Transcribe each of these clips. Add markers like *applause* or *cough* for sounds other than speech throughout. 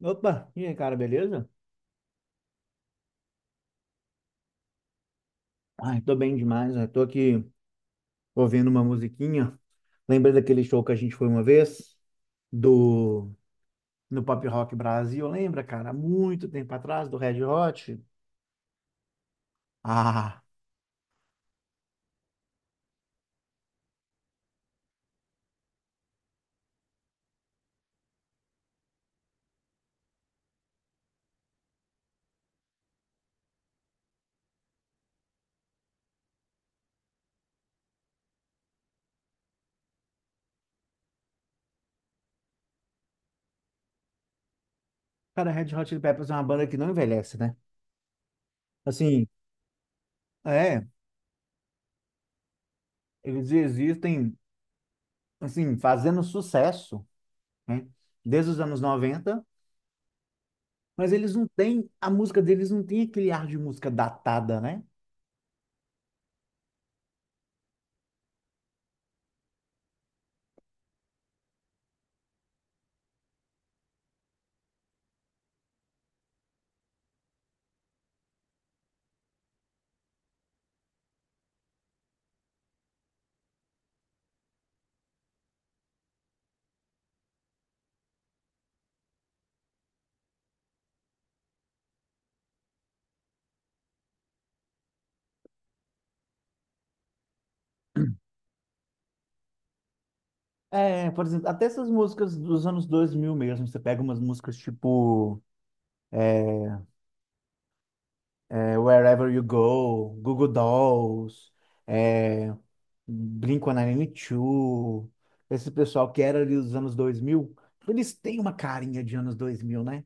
Opa, e aí, cara, beleza? Ai, tô bem demais, né? Tô aqui ouvindo uma musiquinha. Lembra daquele show que a gente foi uma vez? Do... No Pop Rock Brasil, lembra, cara? Há muito tempo atrás, do Red Hot. Ah, cara, Red Hot Chili Peppers é uma banda que não envelhece, né? Assim, é, eles existem, assim, fazendo sucesso, né? Desde os anos 90. Mas eles não têm, a música deles não tem aquele ar de música datada, né? É, por exemplo, até essas músicas dos anos 2000 mesmo, você pega umas músicas tipo Wherever You Go, Google Dolls, é, Blink-182, esse pessoal que era ali dos anos 2000, eles têm uma carinha de anos 2000, né?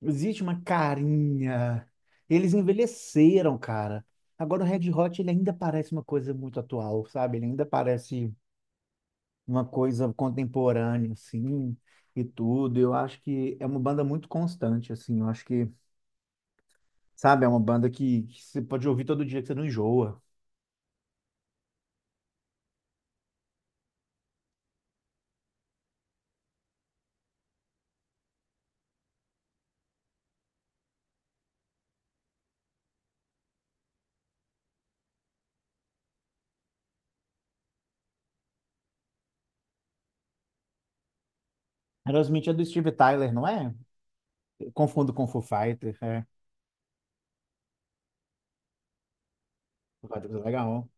Existe uma carinha. Eles envelheceram, cara. Agora o Red Hot, ele ainda parece uma coisa muito atual, sabe? Ele ainda parece uma coisa contemporânea, assim, e tudo. Eu acho que é uma banda muito constante, assim. Eu acho que, sabe, é uma banda que você pode ouvir todo dia que você não enjoa. Aerosmith é do Steve Tyler, não é? Eu confundo com Foo Fighter, é. Foo Fighter é legal.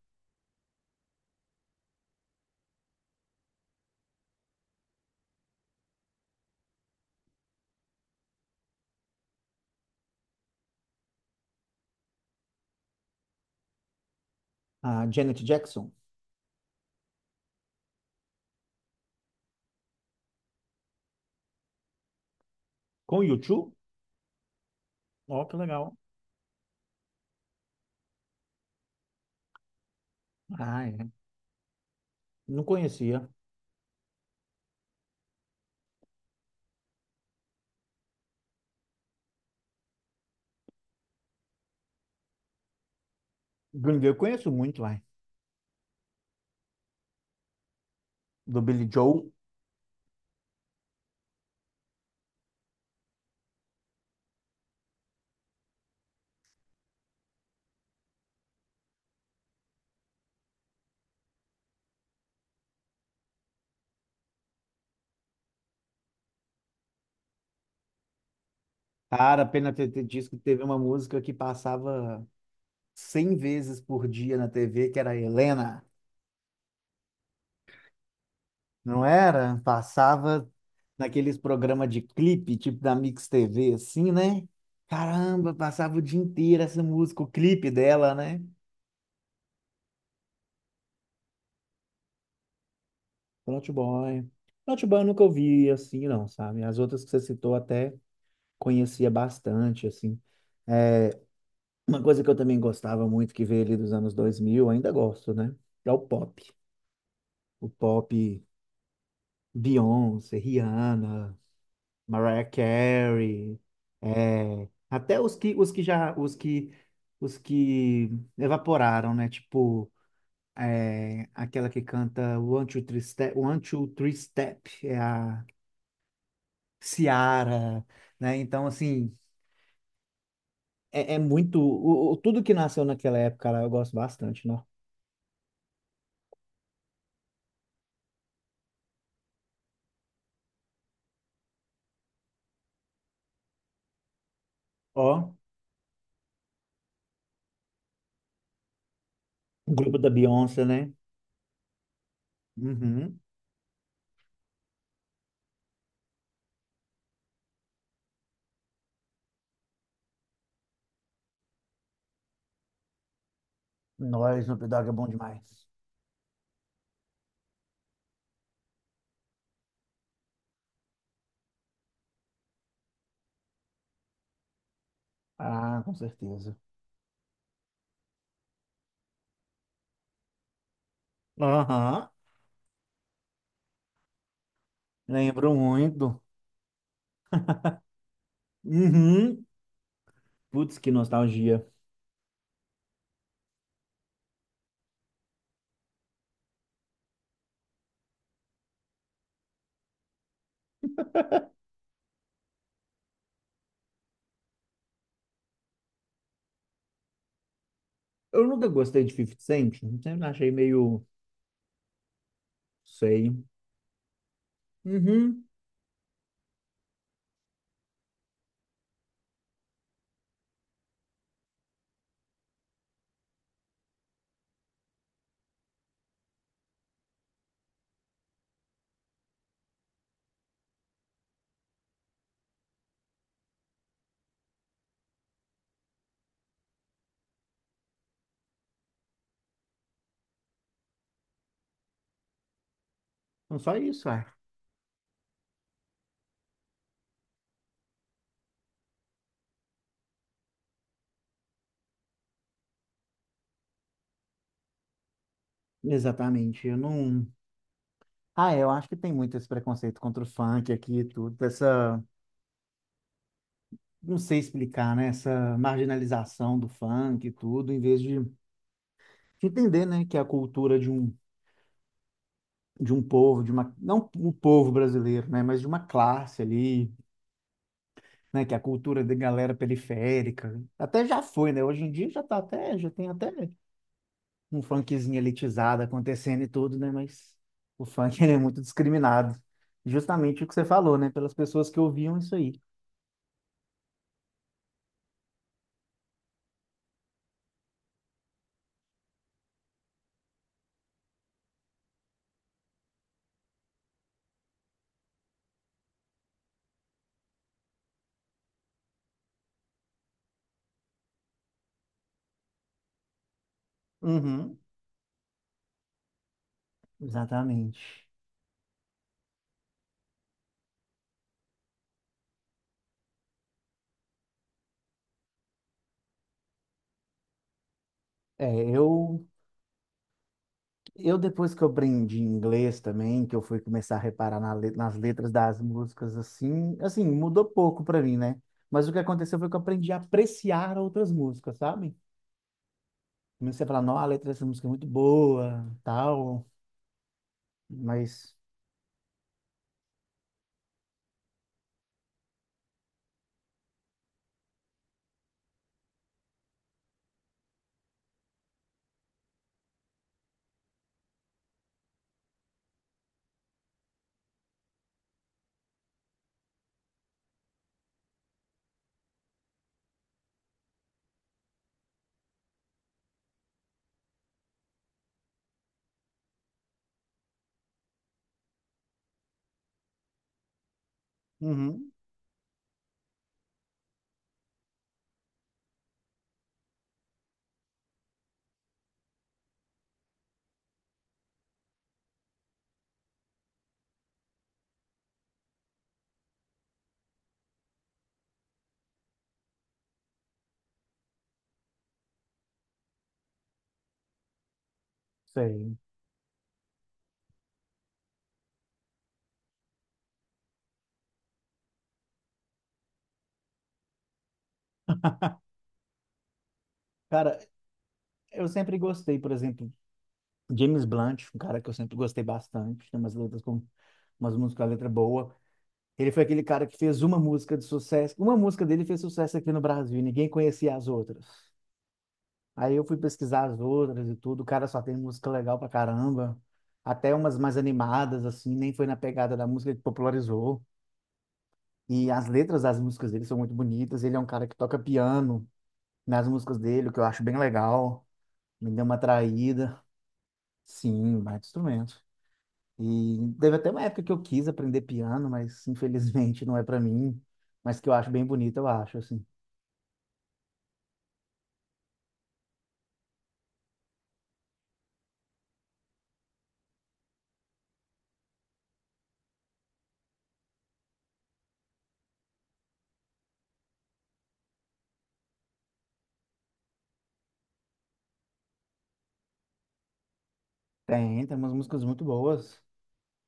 Ah, Janet Jackson, com U2? Ó, que legal. Ah, é. Não conhecia. Green Day eu conheço muito, vai. Do Billy Joel. Cara, pena ter disso que teve uma música que passava 100 vezes por dia na TV, que era Helena. Não era? Passava naqueles programas de clipe, tipo da Mix TV, assim, né? Caramba, passava o dia inteiro essa música, o clipe dela, né? Naughty Boy. Naughty Boy eu nunca ouvi assim, não, sabe? As outras que você citou até conhecia bastante, assim. É, uma coisa que eu também gostava muito, que veio ali dos anos 2000, ainda gosto, né? É o pop. O pop, Beyoncé, Rihanna, Mariah Carey, é, até os que já os que evaporaram, né? Tipo é, aquela que canta One Two Three Step, One Two Three Step, é a Ciara, né? Então assim é, é muito o, tudo que nasceu naquela época, cara, eu gosto bastante, né? Ó, o grupo da Beyoncé, né? Uhum. Nós, Snoop Dogg é bom demais. Ah, com certeza. Aham, lembro muito. Uhum. Putz, que nostalgia. Eu nunca gostei de 50 Cent, sempre achei meio, sei. Uhum. Não só isso, é. Exatamente, eu não... Ah, é, eu acho que tem muito esse preconceito contra o funk aqui e tudo, essa, não sei explicar, né, essa marginalização do funk e tudo, em vez de entender, né, que é a cultura de um povo, de uma, não o povo brasileiro, né, mas de uma classe ali, né? Que é a cultura de galera periférica. Até já foi, né? Hoje em dia já tá até, já tem até um funkzinho elitizado acontecendo e tudo, né? Mas o funk *laughs* ele é muito discriminado. Justamente o que você falou, né? Pelas pessoas que ouviam isso aí. Uhum, exatamente. É, eu depois que eu aprendi inglês também, que eu fui começar a reparar na nas letras das músicas, assim, assim, mudou pouco pra mim, né? Mas o que aconteceu foi que eu aprendi a apreciar outras músicas, sabe? Comecei a falar, não, a letra dessa música é muito boa, tal, mas, uhum, sei. Cara, eu sempre gostei, por exemplo, James Blunt, um cara que eu sempre gostei bastante, tem umas letras com umas músicas com a letra boa. Ele foi aquele cara que fez uma música de sucesso, uma música dele fez sucesso aqui no Brasil, e ninguém conhecia as outras. Aí eu fui pesquisar as outras e tudo, o cara só tem música legal pra caramba, até umas mais animadas, assim, nem foi na pegada da música que popularizou. E as letras das músicas dele são muito bonitas. Ele é um cara que toca piano nas músicas dele, o que eu acho bem legal. Me deu uma atraída. Sim, um baita instrumento. E teve até uma época que eu quis aprender piano, mas infelizmente não é pra mim. Mas que eu acho bem bonito, eu acho, assim. Tem, tem umas músicas muito boas,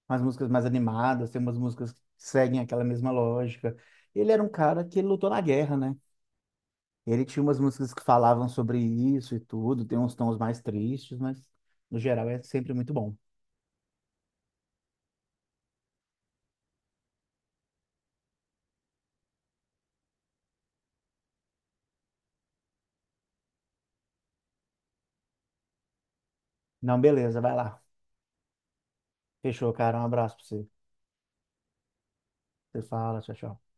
umas músicas mais animadas, tem umas músicas que seguem aquela mesma lógica. Ele era um cara que lutou na guerra, né? Ele tinha umas músicas que falavam sobre isso e tudo, tem uns tons mais tristes, mas no geral é sempre muito bom. Não, beleza, vai lá. Fechou, cara. Um abraço pra você. Você fala, tchau, tchau.